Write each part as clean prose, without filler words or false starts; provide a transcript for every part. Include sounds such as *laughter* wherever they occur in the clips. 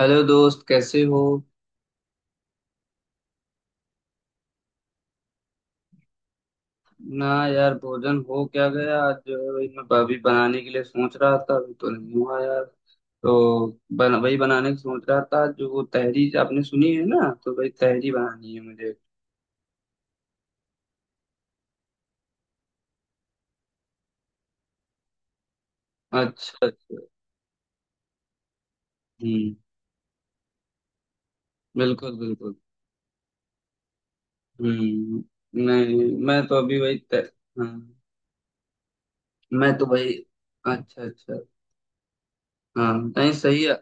Hello दोस्त कैसे हो। ना यार, भोजन हो क्या गया? आज जो है वही मैं अभी बनाने के लिए सोच रहा था, अभी तो नहीं हुआ यार। तो वही बनाने की सोच रहा था, जो वो तहरी आपने सुनी है ना, तो वही तहरी बनानी है मुझे। अच्छा अच्छा। हम्म। बिल्कुल बिल्कुल। हम्म। नहीं, मैं तो अभी वही हाँ, मैं तो वही। अच्छा अच्छा। हाँ, नहीं सही है।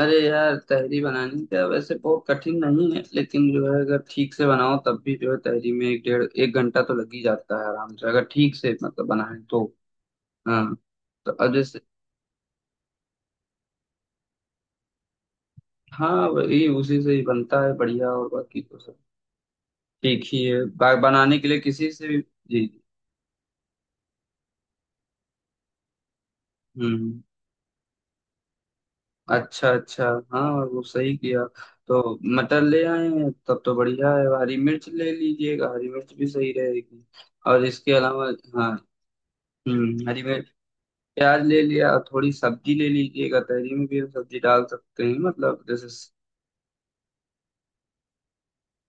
अरे यार, तहरी बनानी क्या वैसे बहुत कठिन नहीं है, लेकिन जो है अगर ठीक से बनाओ तब भी जो है तहरी में एक डेढ़ एक घंटा तो लग ही जाता है आराम से, अगर ठीक से मतलब बनाए तो। हाँ। तो अब जैसे। हाँ, वही उसी से ही बनता है बढ़िया, और बाकी तो सब ठीक ही है। बनाने के लिए किसी से भी। जी जी। हम्म। अच्छा अच्छा। हाँ, और वो सही किया। तो मटर ले आए हैं तब तो बढ़िया है, हरी मिर्च ले लीजिएगा, हरी मिर्च भी सही रहेगी। और इसके अलावा। हाँ। हम्म, हरी मिर्च। प्याज ले लिया, थोड़ी सब्जी ले लीजिएगा, तहरी में भी हम सब्जी डाल सकते हैं, मतलब जैसे।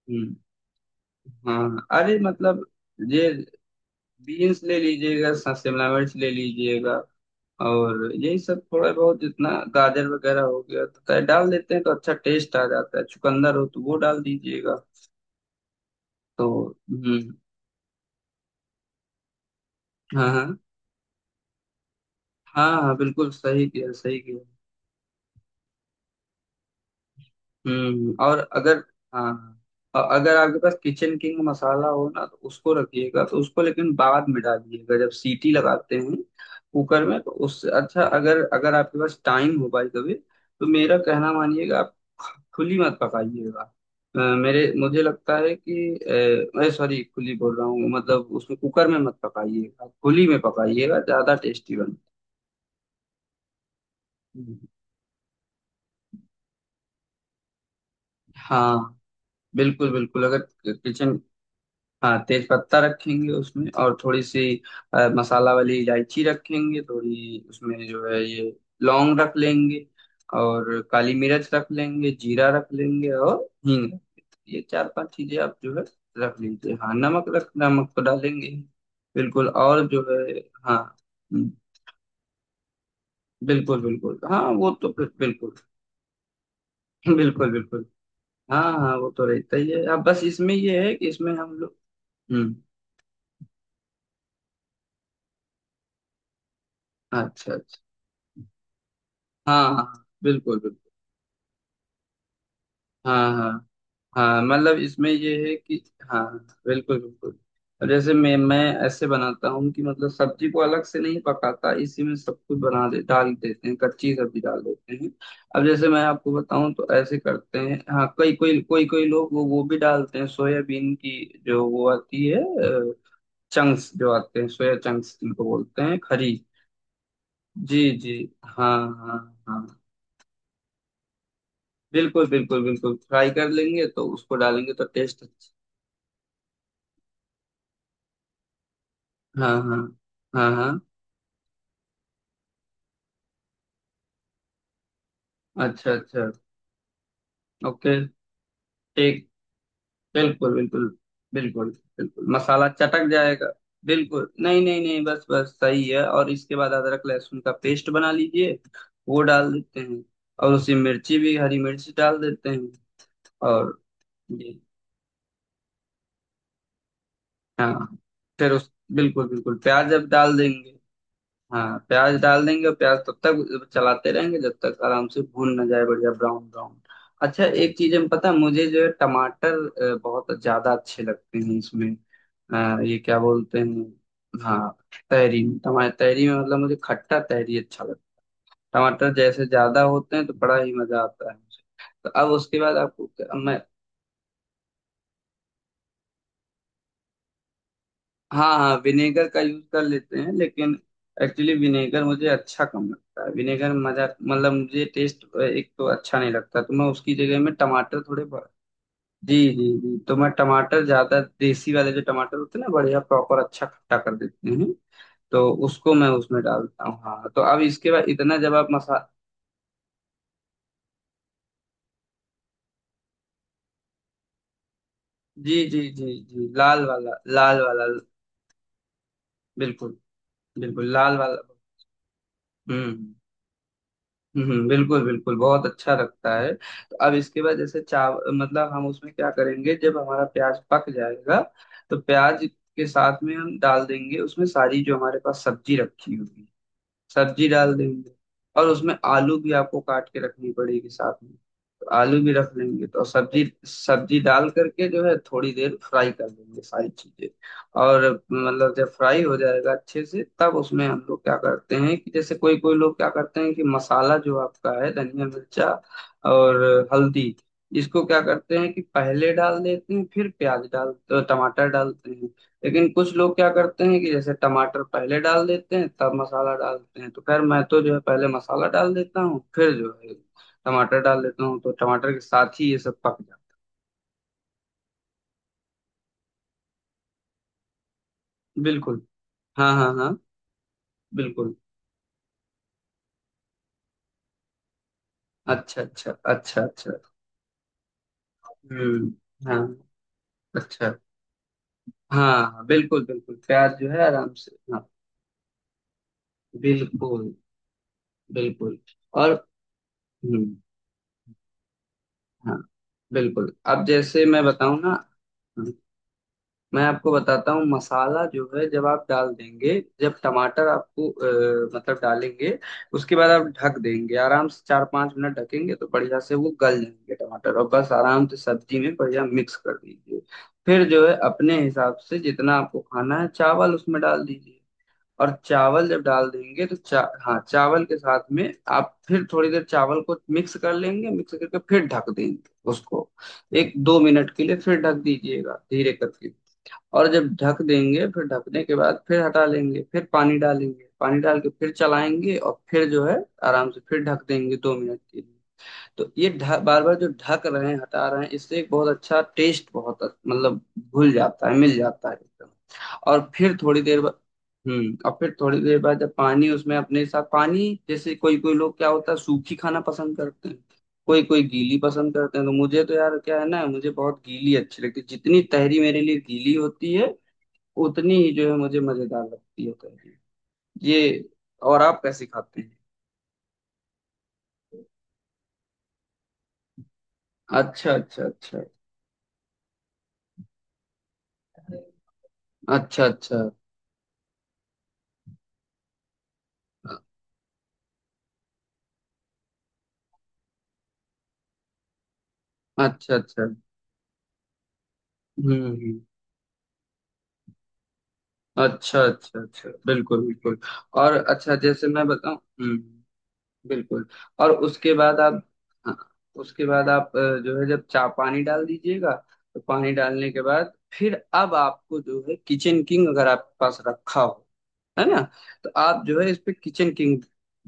हम्म। हाँ अरे मतलब ये। बीन्स ले लीजिएगा, शिमला मिर्च ले लीजिएगा। और यही सब थोड़ा बहुत जितना गाजर वगैरह हो गया तो क्या डाल देते हैं तो अच्छा टेस्ट आ जाता है, चुकंदर हो तो वो डाल दीजिएगा। तो। हम्म। हाँ हाँ, हाँ हाँ बिल्कुल, सही किया सही किया। हम्म। और अगर। हाँ, और अगर आपके पास किचन किंग मसाला हो ना, तो उसको रखिएगा, तो उसको लेकिन बाद में डालिएगा जब सीटी लगाते हैं कुकर में। तो उससे अच्छा, अगर अगर आपके पास टाइम हो भाई कभी, तो मेरा कहना मानिएगा, आप खुली मत पकाइएगा। मेरे मुझे लगता है कि मैं सॉरी खुली बोल रहा हूँ, मतलब उसमें कुकर में मत पकाइएगा, खुली में पकाइएगा, ज्यादा टेस्टी बनता है। हाँ। बिल्कुल बिल्कुल। अगर किचन। हाँ, तेज पत्ता रखेंगे उसमें, और थोड़ी सी मसाला वाली इलायची रखेंगे थोड़ी उसमें, जो है ये लौंग रख लेंगे, और काली मिर्च रख लेंगे, जीरा रख लेंगे, और हींग रख लेंगे। ये चार पांच चीजें आप जो है रख लीजिए। हाँ, नमक तो डालेंगे ही। बिल्कुल, और जो है। हाँ। हम्म, बिल्कुल बिल्कुल। हाँ वो तो फिर बिल्कुल। *laughs* बिल्कुल बिल्कुल। हाँ हाँ, वो तो रहता ही है, अब बस इसमें ये है कि इसमें हम लोग। हम्म। अच्छा अच्छा। हाँ हाँ। बिल्कुल बिल्कुल। हाँ हाँ हाँ, मतलब इसमें ये है कि। हाँ। बिल्कुल बिल्कुल। अब जैसे मैं ऐसे बनाता हूँ, कि मतलब सब्जी को अलग से नहीं पकाता, इसी में सब कुछ बना दे डाल देते हैं, कच्ची सब्जी डाल देते हैं। अब जैसे मैं आपको बताऊँ तो ऐसे करते हैं। हाँ, कई कोई कोई कोई लोग वो भी डालते हैं, सोयाबीन की जो वो आती है, चंक्स जो आते हैं, सोया चंक्स जिनको बोलते हैं, खरी। जी जी। हाँ हाँ हाँ, बिल्कुल बिल्कुल बिल्कुल। फ्राई कर लेंगे तो उसको डालेंगे तो टेस्ट। हाँ हाँ हाँ हाँ। अच्छा अच्छा। ओके। ठीक। बिल्कुल बिल्कुल, बिल्कुल बिल्कुल मसाला चटक जाएगा। बिल्कुल। नहीं नहीं नहीं, बस बस सही है, और इसके बाद अदरक लहसुन का पेस्ट बना लीजिए, वो डाल देते हैं, और उसी मिर्ची भी हरी मिर्च डाल देते हैं, और ये। हाँ, फिर उस बिल्कुल बिल्कुल प्याज अब डाल देंगे। हाँ, प्याज डाल देंगे, और प्याज तब तक चलाते रहेंगे जब तक आराम से भून ना जाए, बढ़िया ब्राउन ब्राउन। अच्छा एक चीज, हम पता है मुझे जो है, टमाटर बहुत ज्यादा अच्छे लगते हैं इसमें। ये क्या बोलते हैं, हाँ, तहरी में टमाटर, तहरी में मतलब मुझे खट्टा तहरी अच्छा लगता है। टमाटर जैसे ज्यादा होते हैं तो बड़ा ही मजा आता है मुझे। तो अब उसके बाद आपको। मैं। हाँ हाँ, विनेगर का यूज कर लेते हैं, लेकिन एक्चुअली विनेगर मुझे अच्छा कम लगता है, विनेगर मजा मतलब मुझे टेस्ट एक तो अच्छा नहीं लगता, तो मैं उसकी जगह में टमाटर थोड़े जी जी जी, तो मैं टमाटर ज्यादा देसी वाले, जो टमाटर होते हैं ना, बढ़िया प्रॉपर अच्छा खट्टा कर देते हैं, तो उसको मैं उसमें डालता हूँ। हाँ, तो अब इसके बाद इतना जब आप मसा। जी जी जी जी, लाल वाला, लाल वाला, बिल्कुल बिल्कुल, लाल वाला। हम्म हम्म, बिल्कुल बिल्कुल, बहुत अच्छा लगता है। तो अब इसके बाद जैसे चाव मतलब हम उसमें क्या करेंगे जब हमारा प्याज पक जाएगा, तो प्याज के साथ में हम डाल देंगे उसमें, सारी जो हमारे पास सब्जी रखी होगी, सब्जी डाल देंगे, और उसमें आलू भी आपको काट के रखनी पड़ेगी साथ में, आलू भी रख लेंगे, तो सब्जी सब्जी डाल करके जो है थोड़ी देर फ्राई कर लेंगे सारी चीजें। और मतलब जब फ्राई हो जाएगा अच्छे से, तब उसमें हम लोग क्या करते हैं कि जैसे कोई कोई लोग क्या करते हैं कि मसाला जो आपका है, धनिया मिर्चा और हल्दी, इसको क्या करते हैं कि पहले डाल देते हैं, फिर प्याज डाल तो टमाटर डालते हैं, लेकिन कुछ लोग क्या करते हैं कि जैसे टमाटर पहले डाल देते हैं, तब मसाला डालते हैं। तो खैर मैं तो जो है पहले मसाला डाल देता हूँ, फिर जो है टमाटर डाल देता हूँ, तो टमाटर के साथ ही ये सब पक जाता। बिल्कुल। हाँ हाँ हाँ बिल्कुल। अच्छा अच्छा अच्छा अच्छा। हम्म। हाँ। अच्छा। हाँ हाँ, बिल्कुल बिल्कुल, प्याज जो है आराम से। हाँ। बिल्कुल बिल्कुल। और हम्म। हाँ, बिल्कुल। अब जैसे मैं बताऊँ ना, मैं आपको बताता हूँ, मसाला जो है जब आप डाल देंगे, जब टमाटर आपको मतलब डालेंगे, उसके बाद आप ढक देंगे आराम से 4-5 मिनट, ढकेंगे तो बढ़िया से वो गल जाएंगे टमाटर, और बस आराम से सब्जी में बढ़िया मिक्स कर दीजिए। फिर जो है अपने हिसाब से जितना आपको खाना है चावल उसमें डाल दीजिए, और चावल जब डाल देंगे तो चा हाँ, चावल के साथ में आप फिर थोड़ी देर चावल को मिक्स कर लेंगे, मिक्स करके फिर ढक देंगे उसको 1-2 मिनट के लिए, फिर ढक दीजिएगा धीरे करके। और जब ढक देंगे फिर ढकने के बाद फिर हटा लेंगे, फिर पानी डालेंगे, पानी डाल के फिर चलाएंगे, और फिर जो है आराम से फिर ढक देंगे दो मिनट के लिए। तो ये बार बार जो ढक रहे हैं हटा रहे हैं, इससे एक बहुत अच्छा टेस्ट, बहुत मतलब घुल जाता है, मिल जाता है एकदम, और फिर थोड़ी देर बाद। हम्म, और फिर थोड़ी देर बाद जब पानी उसमें अपने साथ पानी, जैसे कोई कोई लोग क्या होता है सूखी खाना पसंद करते हैं, कोई कोई गीली पसंद करते हैं, तो मुझे तो यार क्या है ना, मुझे बहुत गीली अच्छी लगती है, जितनी तहरी मेरे लिए गीली होती है उतनी ही जो है मुझे मजेदार लगती है तहरी। ये, और आप कैसे खाते हैं? अच्छा अच्छा अच्छा अच्छा अच्छा अच्छा अच्छा। हम्म हम्म, अच्छा अच्छा अच्छा, बिल्कुल बिल्कुल। और अच्छा जैसे मैं बताऊं। हम्म। बिल्कुल। और उसके बाद आप। हाँ, उसके बाद आप जो है जब चा पानी डाल दीजिएगा, तो पानी डालने के बाद फिर अब आपको जो है किचन किंग अगर आपके पास रखा हो, है ना? तो आप जो है इस पे किचन किंग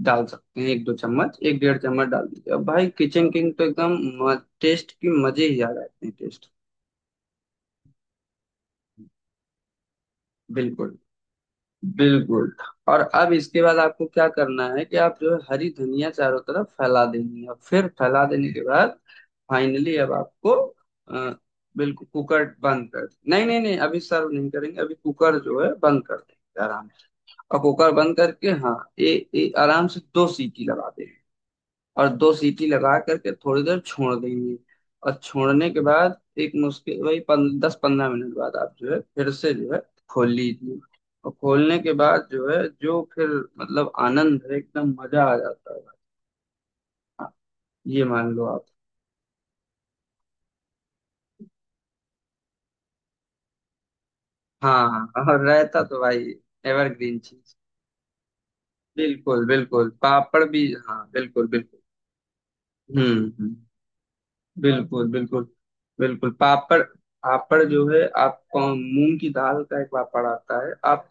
डाल सकते हैं, एक दो चम्मच, एक डेढ़ चम्मच डाल दीजिए, अब भाई किचन किंग तो एकदम टेस्ट की मजे ही आ जाते हैं टेस्ट। बिल्कुल बिल्कुल। और अब इसके बाद आपको क्या करना है कि आप जो है हरी धनिया चारों तरफ फैला देंगे, और फिर फैला देने के बाद फाइनली अब आपको अ, बिल्कुल कुकर बंद कर, नहीं नहीं नहीं, अभी सर्व नहीं करेंगे, अभी कुकर जो है बंद कर देंगे आराम से, और कुकर बंद करके हाँ, ये आराम से दो सीटी लगा दें। और दो सीटी लगा करके थोड़ी देर छोड़ देंगे, और छोड़ने के बाद एक मुश्किल वही 10-15 मिनट बाद आप जो है फिर से जो है खोल लीजिए, और खोलने के बाद जो है जो फिर मतलब आनंद है, एकदम मजा आ जाता है। हाँ, ये मान लो आप। हाँ हाँ, और रायता तो भाई एवरग्रीन चीज। बिल्कुल बिल्कुल, पापड़ भी हाँ, बिल्कुल बिल्कुल। हम्म हम्म, बिल्कुल बिल्कुल बिल्कुल। पापड़, पापड़ जो है आप मूंग की दाल का एक पापड़ आता है, आप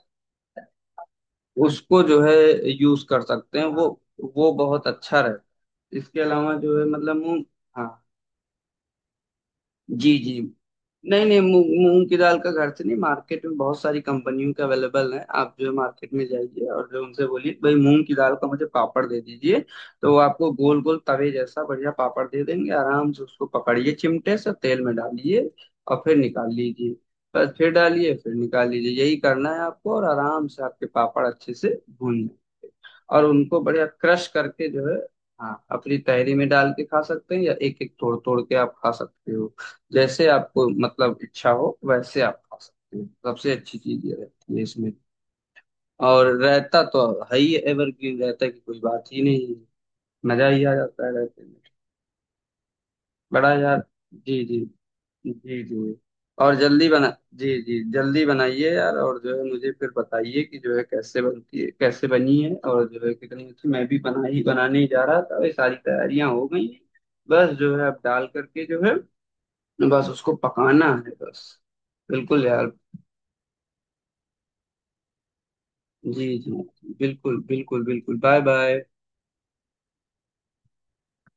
उसको जो है यूज कर सकते हैं, वो बहुत अच्छा रहता है, इसके अलावा जो है मतलब मूंग। हाँ। जी जी, नहीं नहीं, मूंग मूंग की दाल का घर से नहीं, मार्केट में बहुत सारी कंपनियों के अवेलेबल है, आप जो है मार्केट में जाइए और जो उनसे बोलिए भाई मूंग की दाल का मुझे पापड़ दे दीजिए, तो वो आपको गोल गोल तवे जैसा बढ़िया पापड़ दे देंगे, आराम से उसको पकड़िए चिमटे से तेल में डालिए, और फिर निकाल लीजिए। बस फिर डालिए फिर निकाल लीजिए, यही करना है आपको, और आराम से आपके पापड़ अच्छे से भून, और उनको बढ़िया क्रश करके जो है हाँ अपनी तहरी में डाल के खा सकते हैं, या एक एक तोड़ तोड़ के आप खा सकते हो, जैसे आपको मतलब इच्छा हो वैसे आप खा सकते हो। सबसे अच्छी चीज ये रहती है इसमें, और रायता तो है ही, एवरग्रीन रायता की कोई बात ही नहीं है, मजा ही आ जाता है रायते में। बड़ा यार। जी जी जी जी, और जल्दी बना। जी जी, जल्दी बनाइए यार, और जो है मुझे फिर बताइए कि जो है कैसे बनती है, कैसे बनी है और जो है कितनी अच्छी। मैं भी बना ही बनाने ही जा रहा था, ये सारी तैयारियां हो गई हैं, बस जो है अब डाल करके जो है बस उसको पकाना है बस। बिल्कुल यार। जी जी, बिल्कुल बिल्कुल बिल्कुल, बाय बाय।